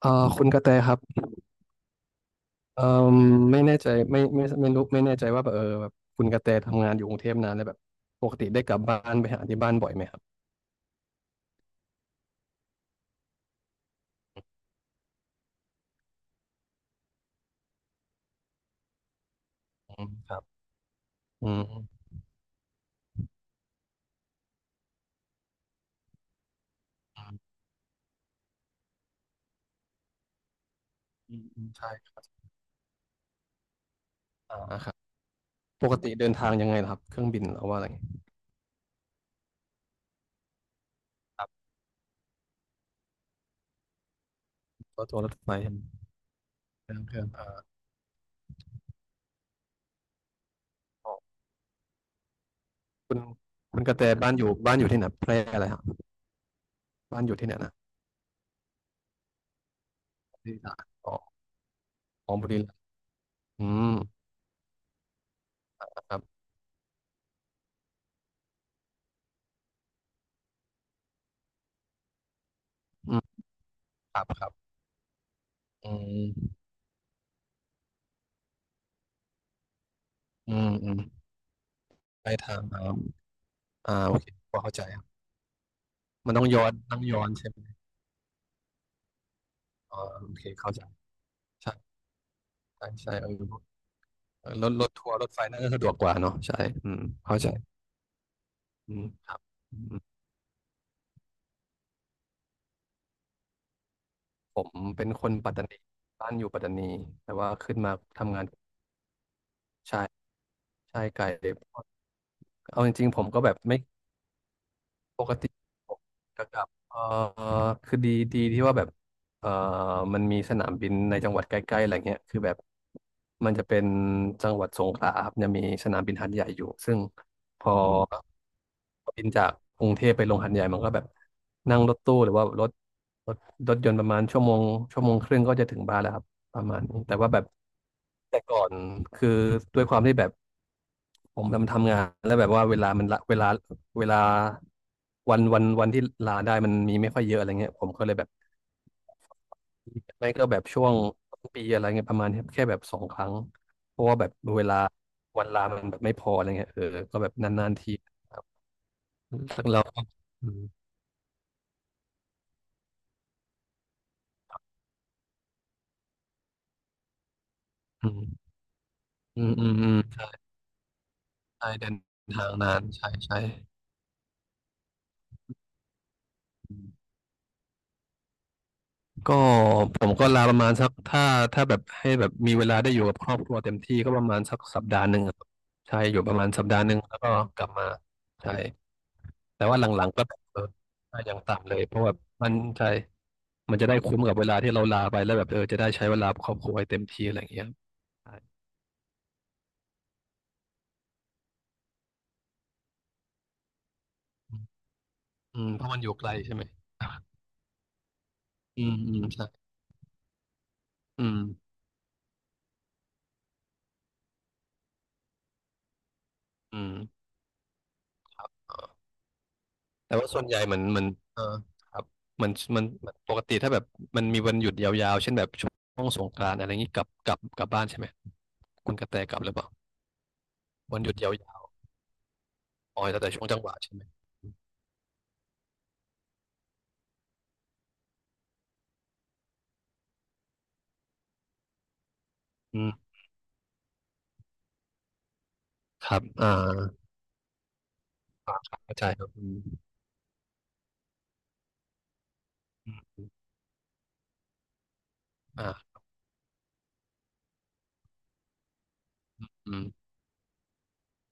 คุณกระแตครับเอ่อไม่แน่ใจไม่รู้ไม่แน่ใจว่าแบบแบบคุณกระแตทำงานอยู่กรุงเทพนานแล้วแบบปกติได้กลับบ้านไปหาที่บ้านบ่อยไหมครับอืมครับอืมอืมอืมอืมใช่ครับอ่าครับปกติเดินทางยังไงล่ะครับเครื่องบินหรือว่าอะไรครับรถทัวร์รถไฟเครื่องอ่าอ๋อคุณคุณกระแตบ้านอยู่ที่ไหนแพร่อะไรครับบ้านอยู่ที่ไหนนะบุรีรัมย์อ๋ออ๋อบุรีรัมย์อืมครับอืมครับครับอืมอืมอืมไปทางครับอ่าโอเคพอเข้าใจ มันต้องย้อนใช่ไหมอ๋อโอเคเข้าใจใช่ใช่ใช่เออเออรถทัวร์รถไฟน่าจะสะดวกกว่าเนาะใช่อืมเข้าใจอืมครับอืมผมเป็นคนปัตตานีบ้านอยู่ปัตตานีแต่ว่าขึ้นมาทำงานใช่ใช่ไกลเลยเพราะเอาจริงๆผมก็แบบไม่ ปกติผมจะกลับคือดีที่ว่าแบบเอ่อมันมีสนามบินในจังหวัดใกล้ๆอะไรเงี้ยคือแบบมันจะเป็นจังหวัดสงขลาครับจะมีสนามบินหาดใหญ่อยู่ซึ่งพอบินจากกรุงเทพไปลงหาดใหญ่มันก็แบบนั่งรถตู้หรือว่ารถรถรถยนต์ประมาณชั่วโมงชั่วโมงครึ่งก็จะถึงบ้านแล้วครับประมาณนี้แต่ว่าแบบแต่ก่อนคือด้วยความที่แบบผมทำงานแล้วแบบว่าเวลามันละเวลา เวลาวันที่ลาได้มันมีไม่ค่อยเยอะอะไรเงี้ยผมก็เลยแบบไม่ก็แบบช่วงต้นปีอะไรเงี้ยประมาณเนี้ยแค่แบบสองครั้งเพราะว่าแบบเวลาวันลามันแบบไม่พออะไรเงี้ยเออก็แบบนานๆทีครับเราก็อืมอืมอืมอืมอืมใช่ใช่เดินทางนานใช่ใช่ก็ผมก็ลาประมาณสักถ้าแบบให้แบบมีเวลาได้อยู่กับครอบครัวเต็มที่ก็ประมาณสักสัปดาห์หนึ่งอะครับใช่อยู่ประมาณสัปดาห์หนึ่งแล้วก็กลับมาใช่ แต่ว่าหลังๆก็เออถ้าอยังต่ำเลยเพราะวบามันใช่มันจะได้คุ้มกับเวลาที่เราลาไปแล้วแบบเออจะได้ใช้เวลากับครอบครัวให้เต็มที่อะไรอย่างเงี้ยใช่อืมเพราะมันอยู่ไกลใช่ไหมอืมอืมใช่อืมอืมเออแต่ว่าส่วนใหญ่เหมือนเหมันเออครับเหมันมันปกติถ้าแบบมันมีวันหยุดยาวๆเช่นแบบช่วงสงกรานต์อะไรอย่างนี้กลับบ้านใช่ไหมคุณกระแตกลับหรือเปล่าวันหยุดยาวๆอ๋อแล้วแต่ช่วงจังหวะใช่ไหมอืมครับอ่าอ่าครับเข้าใจครับอืม อ่าอืม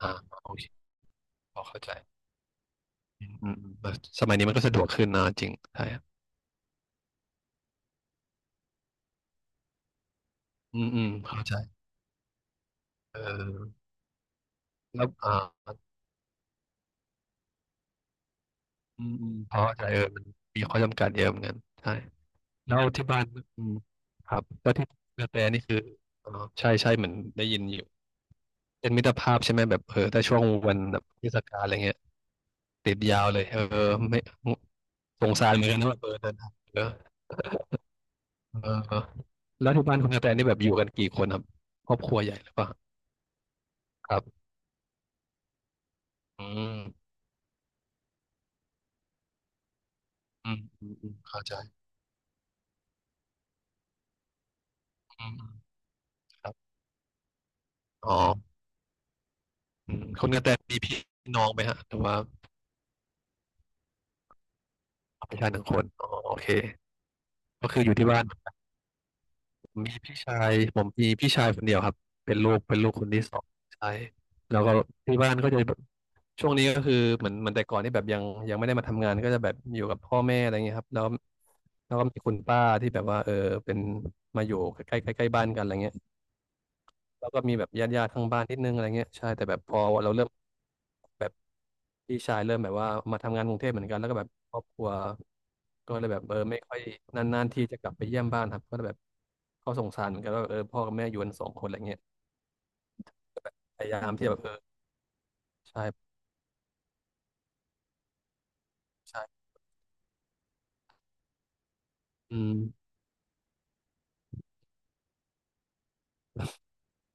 อ่าโอเคพอเข้าใจอืมอืมอืมสมัยนี้มันก็สะดวกขึ้นนะจริงใช่ครับอืมอืมเข้าใจเออแล้วอ่าอืมอืมเข้าใจเออมันมีข้อจำกัดเยอะเหมือนกันใช่แล้วที่บ้านอืมครับแล้วที่กระแตนี่คือเอ๋อใช่ใช่เหมือนได้ยินอยู่เป็นมิตรภาพใช่ไหมแบบเออถ้าช่วงวันแบบเทศกาลอะไรเงี้ยติดยาวเลยเออไม่สงสารเหมือนกันนะแบบเออเดินทางเยอะเออแล้วที่บ้านคุณกระแตนี่แบบอยู่กันกี่คนครับครอบครัวใหญ่หรือเปล่า ครับอืมอืมอืมอืมเข้าใจอืมอืมครับอ๋ออืมคุณกระแตมีพี่น้องไหมฮะหรือว่าพี่ชายหนึ่งคนอ๋อโอเคก็คืออยู่ที่บ้านมีพี่ชายผมมีพี่ชายคนเดียวครับ เป็นลูกคนที่สองใช่แล้วก็ที่บ้านก็จะแบบช่วงนี้ก็คือเหมือนแต่ก่อนที่แบบยังไม่ได้มาทำงานก็จะแบบอยู่กับพ่อแม่อะไรเงี้ยครับแล้วแล้วก็มีคุณป้าที่แบบว่าเออเป็นมาอยู่ใกล้ใกล้ใกล้บ้านกันอะไรเงี้ย แล้วก็มีแบบญาติข้างบ้านนิดนึงอะไรเงี้ยใช่แต่แบบพอเราเริ่มแบบพี่ชายเริ่มแบบว่ามาทำงานกรุงเทพเหมือนกันแล้วก็แบบครอบครัวก็เลยแบบเออไม่ค่อยนานๆที่จะกลับไปเยี่ยมบ้านครับก็เลยแบบก็สงสารเหมือนกันว่าเออพ่อกับแม่อยู่กันสองคนอะไรเงี้ยพยายามที่จะแบบเออใช่ใช่อืม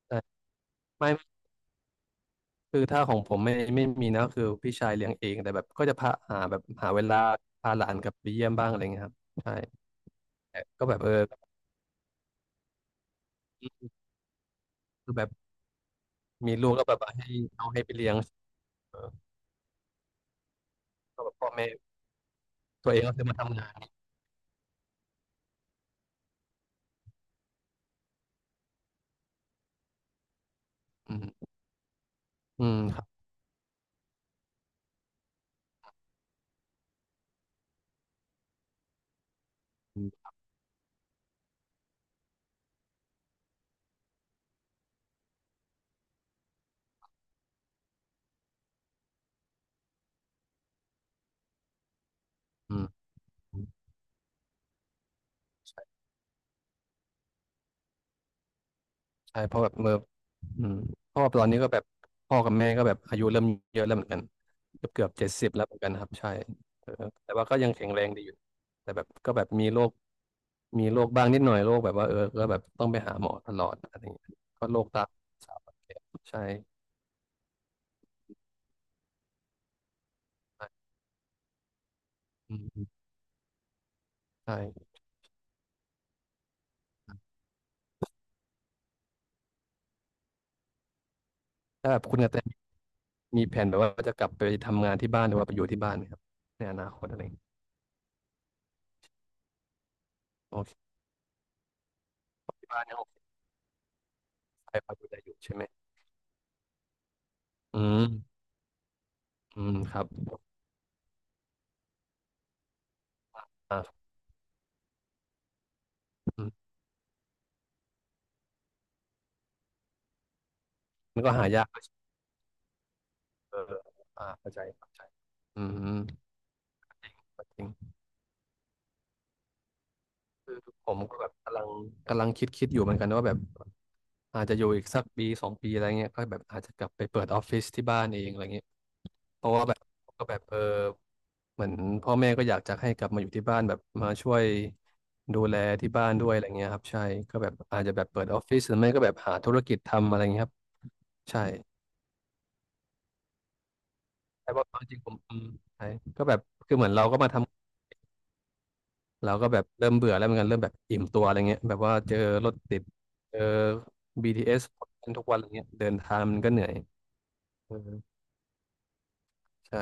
แต่ไม่คือถ้าของผมไม่มีนะคือพี่ชายเลี้ยงเองแต่แบบก็จะพาหาแบบหาเวลาพาหลานกลับไปเยี่ยมบ้างอะไรเงี้ยครับใช่แต่ก็แบบเออคือแบบมีลูกก็แบบให้เอาให้ไปเลี้ยง เออก็แบบพ่อแม่ตัวเองก็คือมาทำงานอืมอืมครับอืมอืมอืมใช่ใช่เพราะแบบเมื่ออืมเพราะว่อตอนนี้ก็แบบพ่อกับแม่ก็แบบอายุเริ่มเยอะแล้วเหมือนกันเกือบ70แล้วเหมือนกันครับใช่เออแต่ว่าก็ยังแข็งแรงดีอยู่แต่แบบก็แบบมีโรคบ้างนิดหน่อยโรคแบบว่าเออก็แบบต้องไปหาหมอตลอดอะไรอย่างเงี้ยก็โรคตาสาวแก่ใช่ใช่อืมใช่ถ้าแบบคุณกระแตมีแผนแบบว่าจะกลับไปทำงานที่บ้านหรือว่าไปอยู่ที่บ้านไหมครับในอนาคตอะไรอย่างเงี้ยโอเค ที่บ้านยังโอเคไฟพอดูแลอยู่ใช่ไหมอืมอืมครับอ่าอืมมันก็หายากก็เอออ่าเข้าใจเข้าใจอืมก็จริงคือผมก็แบบกำลังคิดอยู่เหมือนกันว่าแบบอาจจะอยู่อีกสักปีสองปีอะไรเงี้ยก็แบบอาจจะกลับไปเปิดออฟฟิศที่บ้านเองอะไรเงี้ยเพราะว่าแบบก็แบบเออเหมือนพ่อแม่ก็อยากจะให้กลับมาอยู่ที่บ้านแบบมาช่วยดูแลที่บ้านด้วยอะไรเงี้ยครับใช่ก็แบบอาจจะแบบเปิดออฟฟิศหรือไม่ก็แบบหาธุรกิจทำอะไรเงี้ยครับใช่ ใช่ว่าจริงๆผมใช่ก็แบบคือเหมือนเราก็มาทำเราก็แบบเริ่มเบื่อแล้วเหมือนกันเริ่มแบบอิ่มตัวอะไรเงี้ยแบบว่าเจอรถติดเจอ BTS ทเอสทุกวันอะไรเงี้ยเดินทางมันก็เหนื่อยเออใช่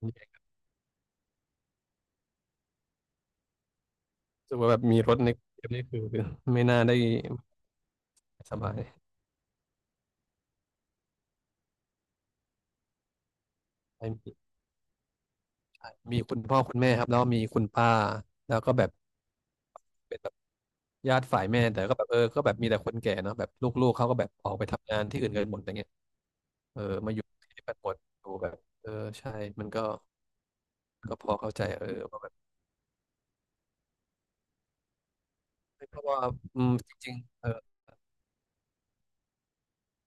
รู้สึกว่าแบบมีรถในกรุงเทพนี่คือไม่น่าได้สบายใช่มีใช่มีคุณพ่อคุณแม่ครับแล้วก็มีคุณป้าแล้วก็แบบเป็นแบบญาติฝ่ายแม่แต่ก็แบบเออก็แบบมีแต่คนแก่เนาะแบบลูกๆเขาก็แบบออกไปทำงานที่อื่นกันหมดอะไรเงี้ยเออมาอยู่ที่บ้านหมดดูแบบเออใช่มันก็ ก็พอเข้าใจเออว่าแบบเพราะว่าอืมจริงๆเออ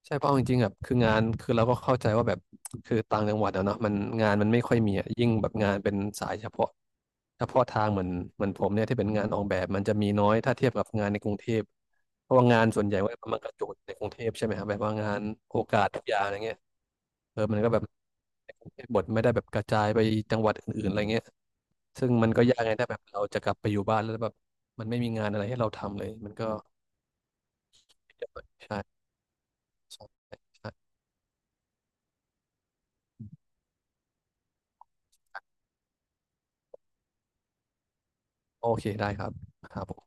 ใช่เพราะเอาจริงๆแบบคืองานคือเราก็เข้าใจว่าแบบคือต่างจังหวัดอะเนาะมันงานมันไม่ค่อยมีอะยิ่งแบบงานเป็นสายเฉพาะเฉพาะทางเหมือนผมเนี่ยที่เป็นงานออกแบบมันจะมีน้อยถ้าเทียบกับงานในกรุงเทพเพราะว่างานส่วนใหญ่ว่ามันกระจุกในกรุงเทพใช่ไหมครับแบบว่างานโอกาสทุกอย่างอะไรเงี้ยเออมันก็แบบในกรุงเทพบทไม่ได้แบบกระจายไปจังหวัดอื่นๆอะไรเงี้ยซึ่งมันก็ยากไงถ้าแบบเราจะกลับไปอยู่บ้านแล้วแบบมันไม่มีงานอะไรให้เราทำเลยมันก็ใช่ใช่ โอเคได้ครับครับผม